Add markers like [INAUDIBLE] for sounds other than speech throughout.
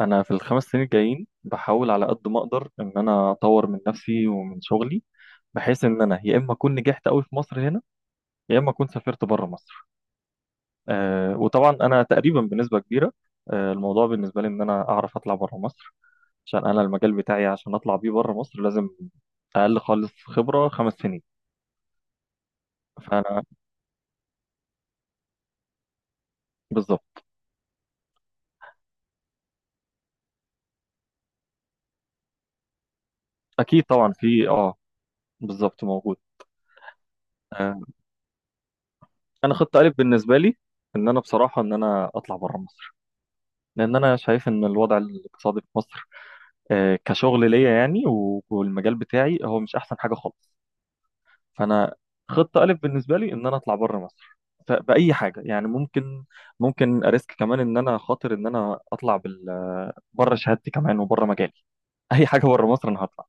انا في ال 5 سنين الجايين بحاول على قد ما اقدر ان انا اطور من نفسي ومن شغلي، بحيث ان انا يا اما اكون نجحت قوي في مصر هنا، يا اما اكون سافرت بره مصر. وطبعا انا تقريبا بنسبه كبيره، الموضوع بالنسبه لي ان انا اعرف اطلع بره مصر، عشان انا المجال بتاعي عشان اطلع بيه بره مصر لازم اقل خالص خبره 5 سنين. فانا بالظبط. اكيد طبعا في بالظبط موجود. آه انا خطه الف بالنسبه لي ان انا بصراحه ان انا اطلع بره مصر، لان انا شايف ان الوضع الاقتصادي في مصر، كشغل ليا، يعني والمجال بتاعي هو مش احسن حاجه خالص. فانا خطه الف بالنسبه لي ان انا اطلع بره مصر، باي حاجه يعني. ممكن اريسك كمان، ان انا خاطر ان انا اطلع بره شهادتي كمان وبره مجالي. [LAUGHS] اي حاجه بره مصر انا هطلع.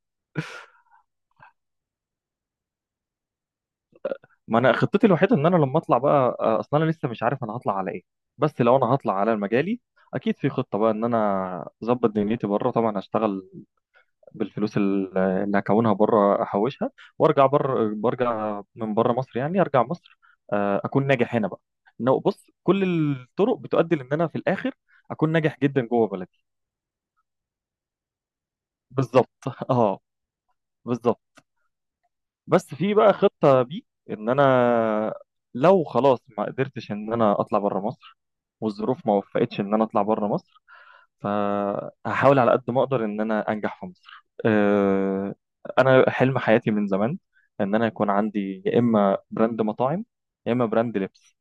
ما انا خطتي الوحيده ان انا لما اطلع بقى، اصل انا لسه مش عارف انا هطلع على ايه، بس لو انا هطلع على مجالي اكيد في خطه بقى ان انا اظبط دنيتي بره. طبعا هشتغل بالفلوس اللي هكونها بره، احوشها وارجع. بره برجع من بره مصر، يعني ارجع مصر اكون ناجح هنا بقى. إنه بص، كل الطرق بتؤدي لان انا في الاخر اكون ناجح جدا جوه بلدي. بالظبط. [LAUGHS] اه، بالظبط. بس في بقى خطة بي، ان انا لو خلاص ما قدرتش ان انا اطلع بره مصر، والظروف ما وفقتش ان انا اطلع بره مصر، فهحاول على قد ما اقدر ان انا انجح في مصر. انا حلم حياتي من زمان ان انا يكون عندي يا اما براند مطاعم، يا اما براند لبس.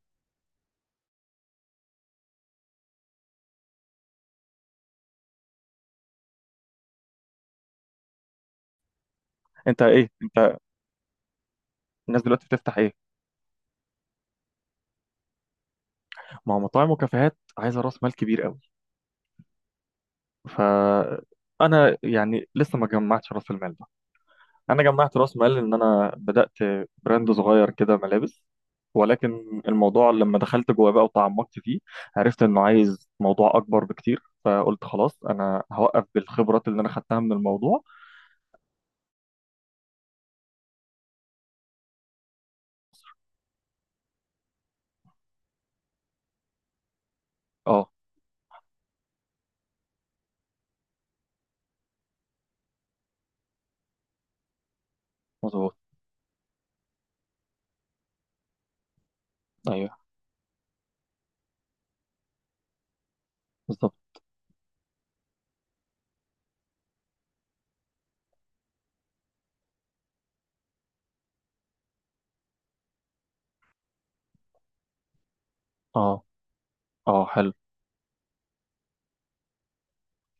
انت ايه؟ انت الناس دلوقتي بتفتح ايه؟ ما هو مطاعم وكافيهات عايزه راس مال كبير قوي، فانا يعني لسه ما جمعتش راس المال ده. انا جمعت راس مال ان انا بدات براند صغير كده ملابس، ولكن الموضوع لما دخلت جوه بقى وتعمقت فيه عرفت انه عايز موضوع اكبر بكتير، فقلت خلاص انا هوقف بالخبرات اللي انا خدتها من الموضوع. اه، مظبوط. ايوه، بالظبط. اه. اه، حلو.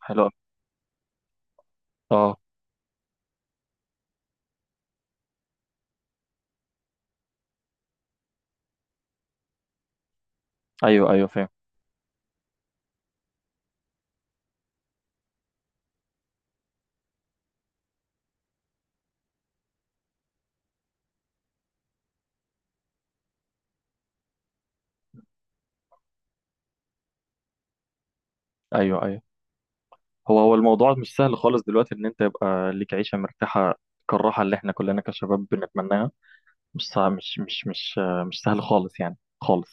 حلو أوي. اه، ايوه ايوه فاهم. ايوه ايوه. هو الموضوع مش سهل خالص دلوقتي ان انت يبقى ليك عيشه مرتاحه كالراحه اللي احنا كلنا كشباب بنتمناها. مش سهل، مش سهل خالص يعني خالص.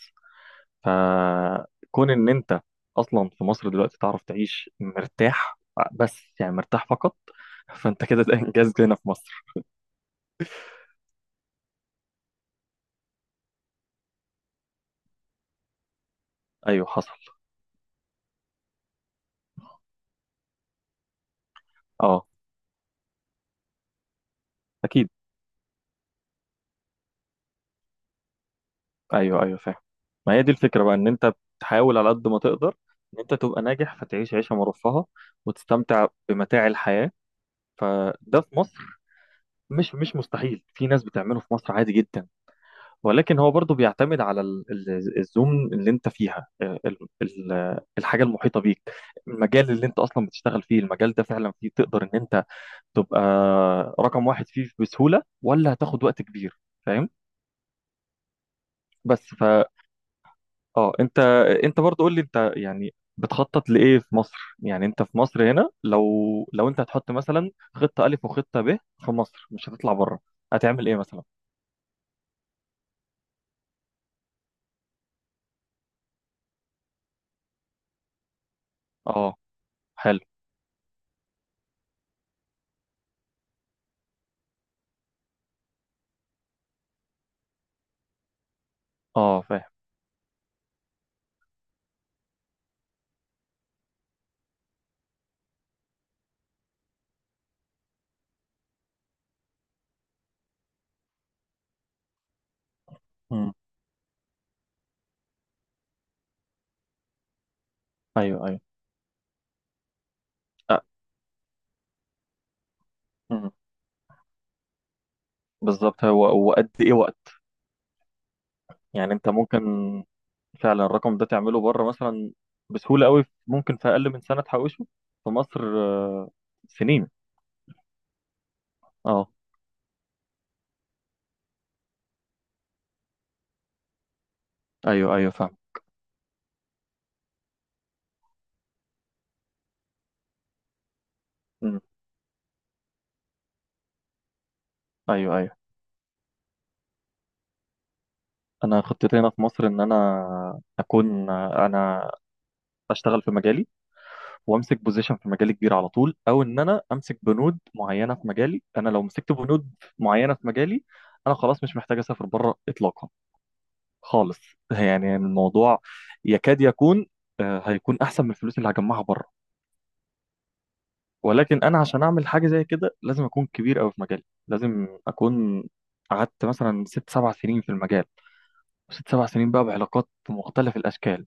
فكون ان انت اصلا في مصر دلوقتي تعرف تعيش مرتاح، بس يعني مرتاح فقط، فانت كده ده انجاز هنا في مصر. ايوه حصل. اه اكيد. ايوه ايوه فاهم. ما هي دي الفكره بقى، ان انت بتحاول على قد ما تقدر ان انت تبقى ناجح، فتعيش عيشه مرفهه وتستمتع بمتاع الحياه. فده في مصر مش مستحيل، في ناس بتعمله في مصر عادي جدا، ولكن هو برضه بيعتمد على الزون اللي انت فيها، الحاجه المحيطه بيك، المجال اللي انت اصلا بتشتغل فيه. المجال ده فعلا فيه تقدر ان انت تبقى رقم واحد فيه بسهوله، ولا هتاخد وقت كبير؟ فاهم. بس ف اه انت، انت برضه قول لي، انت يعني بتخطط لايه في مصر؟ يعني انت في مصر هنا، لو انت هتحط مثلا خطه الف وخطه ب في مصر مش هتطلع بره، هتعمل ايه مثلا؟ اه، حلو. اه، فاهم. مم. ايوه ايوه. أه. بالظبط، هو وقد ايه وقت. يعني انت ممكن فعلا الرقم ده تعمله بره مثلا بسهولة قوي، ممكن في اقل من سنة تحوشه، في مصر سنين. اه، ايوه ايوه فاهم. مم. ايوه ايوه. انا خطتي هنا في مصر ان انا اكون انا اشتغل في مجالي، وامسك بوزيشن في مجالي كبير على طول، او ان انا امسك بنود معينة في مجالي. انا لو مسكت بنود معينة في مجالي انا خلاص مش محتاج اسافر بره اطلاقا خالص. يعني الموضوع يكاد يكون هيكون احسن من الفلوس اللي هجمعها بره. ولكن انا عشان اعمل حاجه زي كده لازم اكون كبير قوي في مجالي، لازم اكون قعدت مثلا 6 7 سنين في المجال، 6 7 سنين بقى بعلاقات مختلف الاشكال.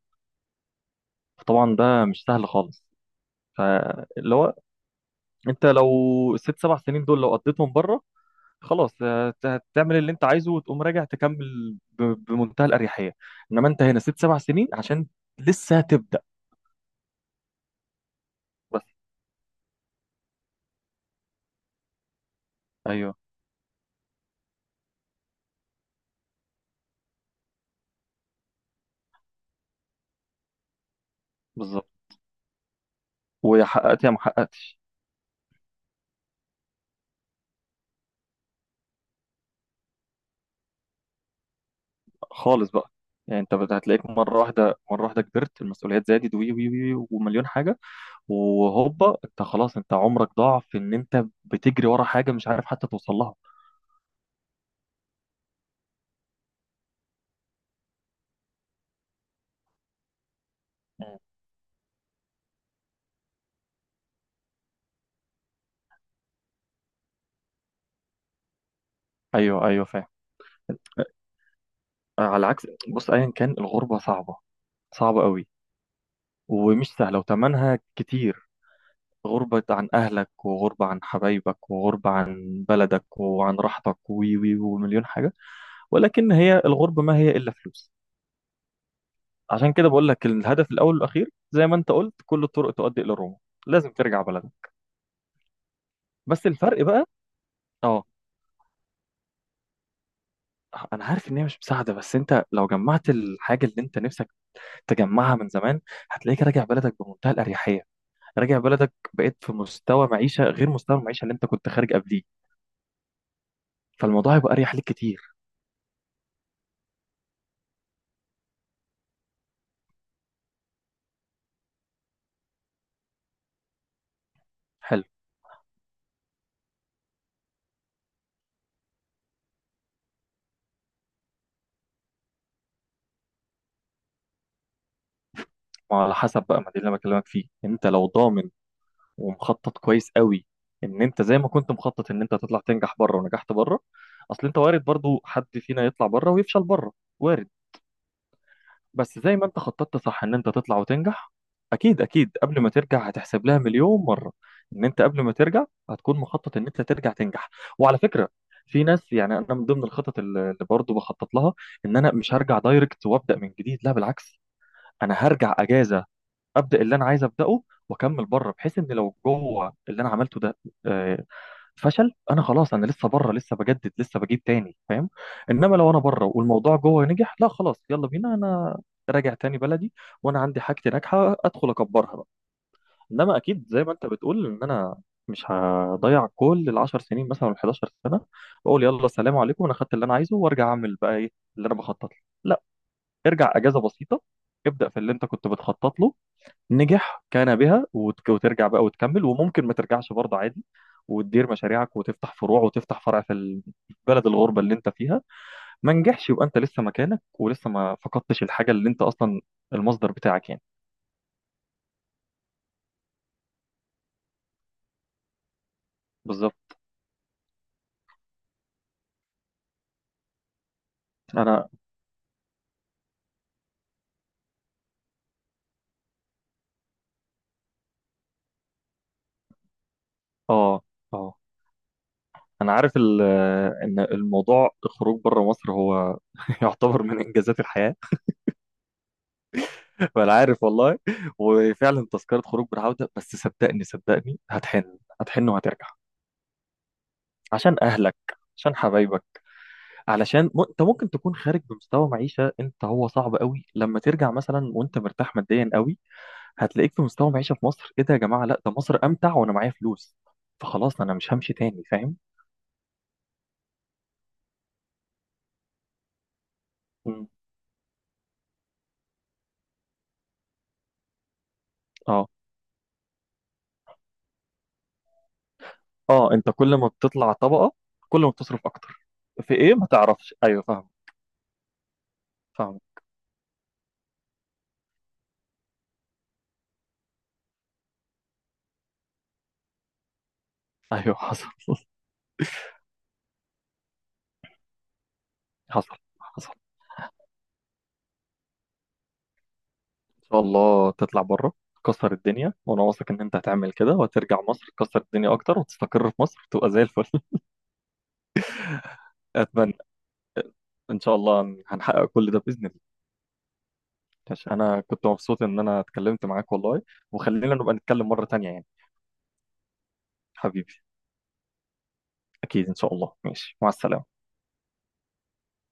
فطبعا ده مش سهل خالص. فاللي هو انت لو ال 6 7 سنين دول لو قضيتهم بره خلاص هتعمل اللي انت عايزه، وتقوم راجع تكمل بمنتهى الاريحيه. انما انت هنا 6 7 سنين عشان لسه هتبدا. بس. ايوه، بالظبط. ويا حققت يا ما حققتش. خالص بقى. يعني انت هتلاقيك مره واحده مره واحده كبرت المسؤوليات، زادت، وي وي وي ومليون حاجه، وهوبا انت خلاص، انت عمرك ضاع في ان انت بتجري ورا حاجه مش عارف حتى توصل لها. مم. ايوه ايوه فاهم. على عكس، بص، ايا كان الغربه صعبه، صعبه قوي، ومش سهله وتمنها كتير. غربة عن أهلك، وغربة عن حبايبك، وغربة عن بلدك، وعن راحتك، وي وي ومليون حاجة. ولكن هي الغربة ما هي إلا فلوس. عشان كده بقول لك الهدف الاول والاخير زي ما انت قلت: كل الطرق تؤدي الى روما، لازم ترجع بلدك. بس الفرق بقى. اه، انا عارف ان هي مش مساعده، بس انت لو جمعت الحاجه اللي انت نفسك تجمعها من زمان هتلاقيك راجع بلدك بمنتهى الاريحيه. راجع بلدك بقيت في مستوى معيشه غير مستوى المعيشه اللي انت كنت خارج قبليه، فالموضوع هيبقى اريح ليك كتير. حلو. ما على حسب بقى، ما دي اللي انا بكلمك فيه. انت لو ضامن ومخطط كويس قوي ان انت زي ما كنت مخطط ان انت هتطلع تنجح بره ونجحت بره. اصل انت وارد برضو حد فينا يطلع بره ويفشل بره، وارد. بس زي ما انت خططت صح ان انت تطلع وتنجح، اكيد اكيد قبل ما ترجع هتحسب لها مليون مره. ان انت قبل ما ترجع هتكون مخطط ان انت ترجع تنجح. وعلى فكره في ناس، يعني انا من ضمن الخطط اللي برضو بخطط لها، ان انا مش هرجع دايركت وابدا من جديد. لا بالعكس، انا هرجع اجازه، ابدا اللي انا عايز ابداه، واكمل بره، بحيث ان لو جوه اللي انا عملته ده آه، فشل، انا خلاص انا لسه بره، لسه بجدد، لسه بجيب تاني. فاهم؟ انما لو انا بره والموضوع جوه نجح، لا خلاص يلا بينا، انا راجع تاني بلدي، وانا عندي حاجتي ناجحه ادخل اكبرها بقى. انما اكيد زي ما انت بتقول ان انا مش هضيع كل ال 10 سنين مثلا وال 11 سنه، واقول يلا السلام عليكم انا خدت اللي انا عايزه، وارجع اعمل بقى ايه اللي انا بخطط له. لا، ارجع اجازه بسيطه، ابدا في اللي انت كنت بتخطط له. نجح كان بها، وترجع بقى وتكمل. وممكن ما ترجعش برضه عادي، وتدير مشاريعك وتفتح فروع، وتفتح فرع في البلد الغربة اللي انت فيها. ما نجحش يبقى انت لسه مكانك، ولسه ما فقدتش الحاجة اللي انت اصلا المصدر بتاعك يعني. بالظبط. انا، اه. اه، انا عارف ان الموضوع الخروج بره مصر هو [LAUGHS] يعتبر من انجازات الحياة. فانا عارف والله، وفعلا تذكرة خروج بالعودة. بس صدقني صدقني هتحن، هتحن وهترجع، عشان اهلك، عشان حبايبك، علشان انت ممكن تكون خارج بمستوى معيشه. انت هو صعب قوي لما ترجع مثلا وانت مرتاح ماديا قوي، هتلاقيك في مستوى معيشه في مصر: ايه ده يا جماعه؟ لا، ده مصر امتع وانا معايا فلوس، فخلاص انا مش همشي تاني. فاهم؟ مم. اه. اه، انت كل ما بتطلع طبقه كل ما بتصرف اكتر. في ايه ما تعرفش. ايوه فاهم. فاهم. ايوه حصل. [LAUGHS] حصل، حصل. ان شاء الله تطلع بره تكسر الدنيا، وانا واثق ان انت هتعمل كده، وهترجع مصر تكسر الدنيا اكتر، وتستقر في مصر تبقى زي الفل. [LAUGHS] اتمنى. ان شاء الله هنحقق كل ده باذن الله. ماشي، انا كنت مبسوط ان انا اتكلمت معاك والله، وخلينا نبقى نتكلم مره تانية يعني. حبيبي، اكيد ان شاء الله. ماشي، مع السلامه.